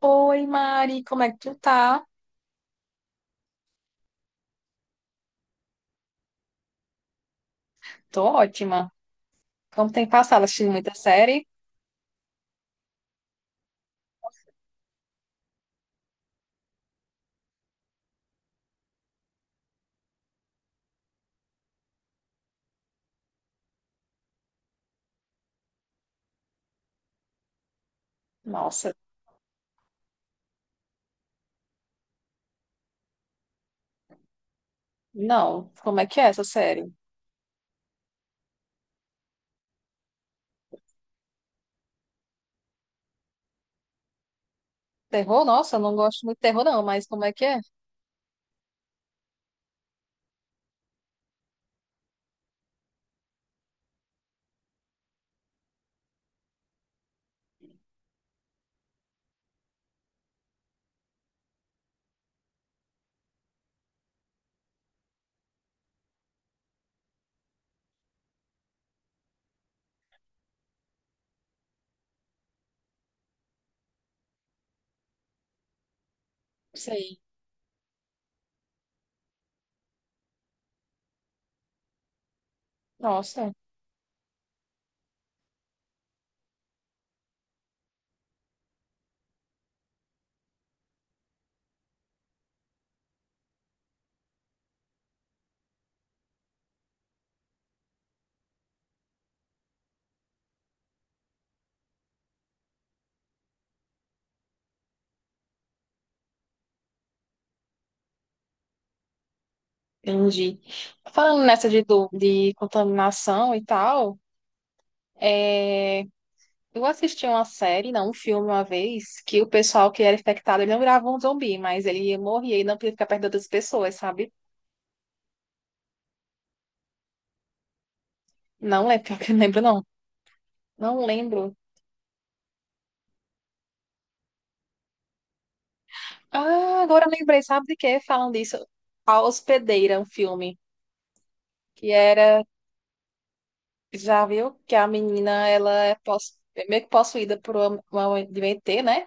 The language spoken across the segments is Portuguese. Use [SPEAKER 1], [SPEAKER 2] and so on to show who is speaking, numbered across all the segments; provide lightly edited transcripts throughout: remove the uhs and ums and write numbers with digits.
[SPEAKER 1] Oi, Mari, como é que tu tá? Tô ótima. Como tem passado? Assistindo muita série? Nossa, não. Como é que é essa série? Terror? Nossa, eu não gosto muito de terror, não, mas como é que é? Sei. Nossa, entendi. Falando nessa de contaminação e tal, é, eu assisti uma série, não, um filme uma vez, que o pessoal que era infectado, ele não virava um zumbi, mas ele morria e não podia ficar perto das pessoas, sabe? Não lembro, pior que eu não lembro, não. Não lembro. Ah, agora eu lembrei, sabe de quê? Falam disso. A Hospedeira, um filme que era, já viu? Que a menina, ela é possu- é meio que possuída por uma de um ET, né?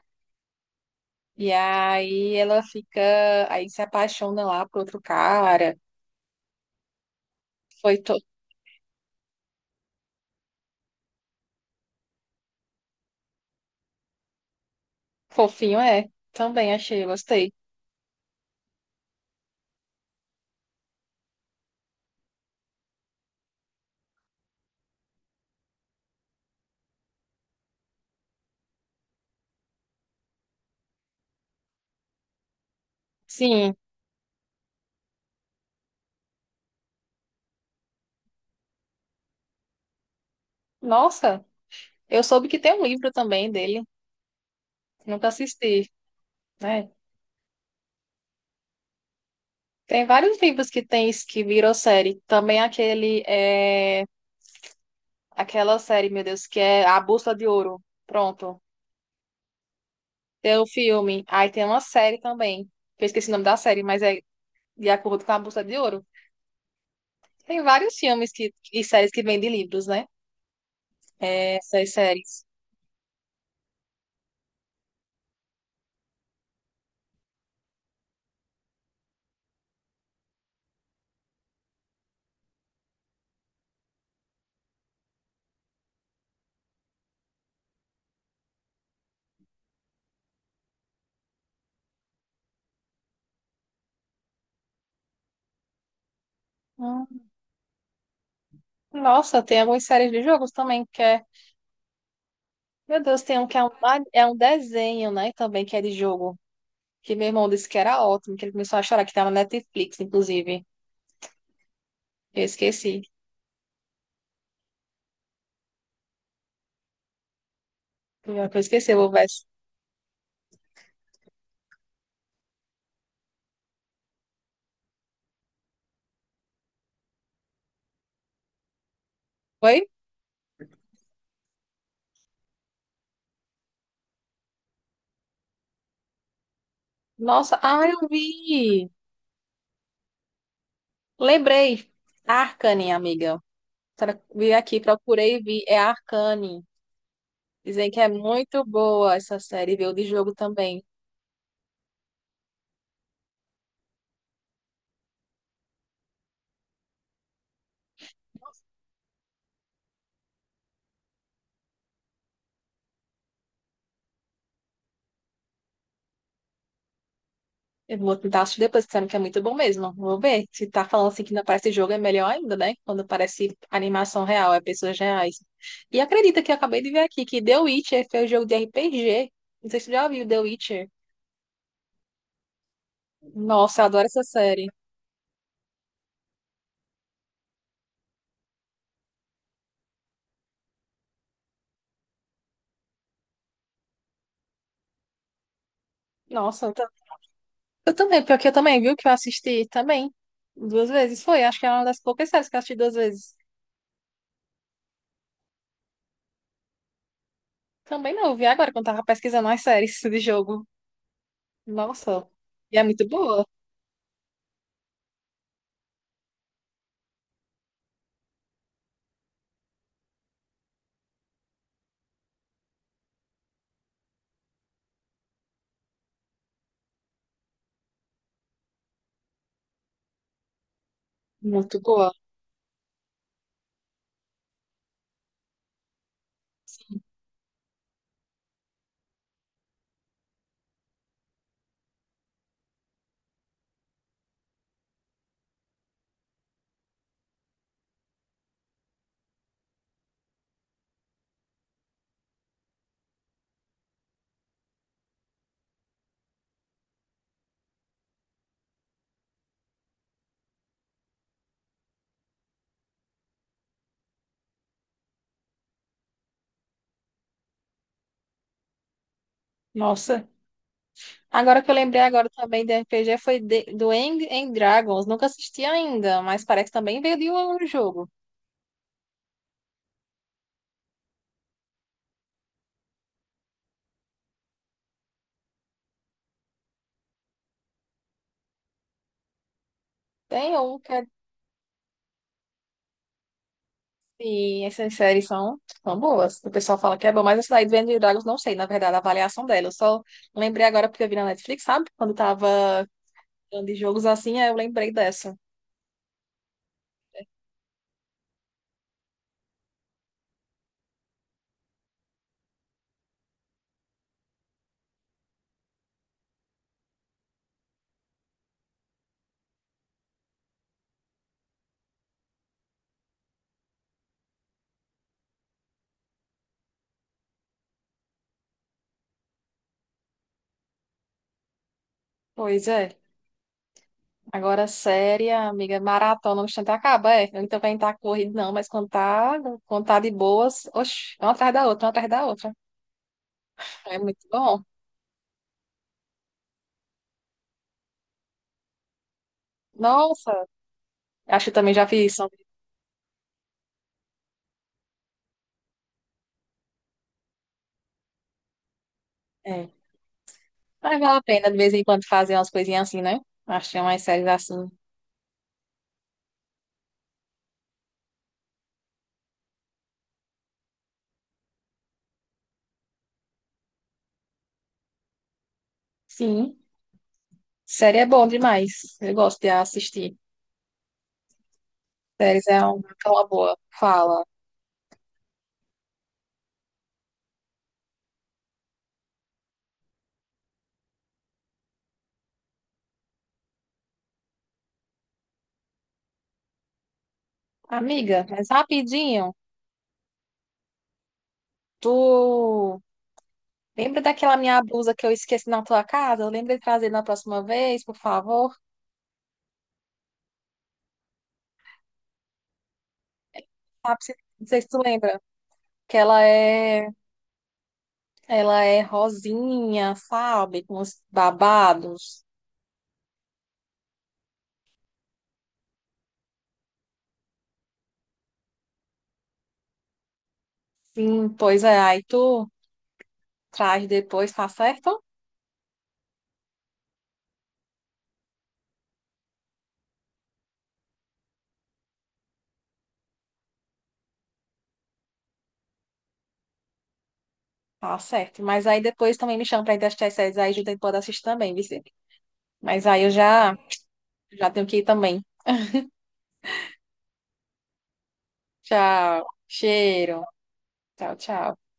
[SPEAKER 1] E aí ela fica, aí se apaixona lá por outro cara. Foi to... fofinho, é. Também achei, gostei. Sim, nossa, eu soube que tem um livro também dele, nunca assisti, né? Tem vários livros que tem isso que virou série. Também aquele é... Aquela série, meu Deus, que é A Bússola de Ouro. Pronto. Tem o filme. Aí tem uma série também. Que eu esqueci o nome da série, mas é de acordo com A Bússola de Ouro. Tem vários filmes que, e séries que vêm de livros, né? É, essas séries. Hum. Nossa, tem algumas séries de jogos também que é. Meu Deus, tem um que é um desenho, né? Também que é de jogo. Que meu irmão disse que era ótimo, que ele começou a chorar, que tava na Netflix, inclusive. Eu esqueci. Eu esqueci, eu vou ver. Foi? Nossa, ah, eu vi! Lembrei. Arcane, amiga. Tra- Vi aqui, procurei e vi. É Arcane. Dizem que é muito boa essa série. Veio de jogo também. Eu vou tentar assistir depois, disseram que é muito bom mesmo. Vou ver. Se tá falando assim que não parece jogo, é melhor ainda, né? Quando parece animação real, é pessoas reais. E acredita que eu acabei de ver aqui que The Witcher foi um jogo de RPG. Não sei se você já viu The Witcher. Nossa, eu adoro essa série. Nossa, eu também, pior que eu também, viu? Que eu assisti também duas vezes. Foi, acho que é uma das poucas séries que eu assisti duas vezes. Também não, eu vi agora quando tava pesquisando as séries de jogo. Nossa, e é muito boa. Muito boa. Nossa. Agora que eu lembrei agora também de RPG foi de- do End and Dragons. Nunca assisti ainda, mas parece que também veio de um jogo. Tem um que é assim, essas séries são, são boas. O pessoal fala que é bom, mas essa daí do End and Dragons não sei, na verdade, a avaliação dela. Eu só lembrei agora porque eu vi na Netflix, sabe? Quando tava de jogos assim, é, eu lembrei dessa. Pois é. Agora, séria, amiga, é maratona, no instante acaba, é. Ele também tá corrido, não, mas quando tá de boas, oxi, uma atrás da outra, uma atrás da outra. É muito bom. Nossa, acho que eu também já fiz isso. É. Mas vale a pena de vez em quando fazer umas coisinhas assim, né? Acho que é umas séries assim. Sim, série é bom demais. Eu gosto de assistir. Séries é uma boa. Fala. Amiga, mas rapidinho, tu lembra daquela minha blusa que eu esqueci na tua casa? Lembra de trazer na próxima vez, por favor? Sabe, se- não sei se tu lembra. Que ela é rosinha, sabe? Com os babados. Sim, pois é. Aí tu traz depois, tá certo? Tá certo. Mas aí depois também me chama pra ir testar essas aí, junto pode assistir também, Vicente. Mas aí eu já, já tenho que ir também. Tchau. Cheiro. Tchau, tchau.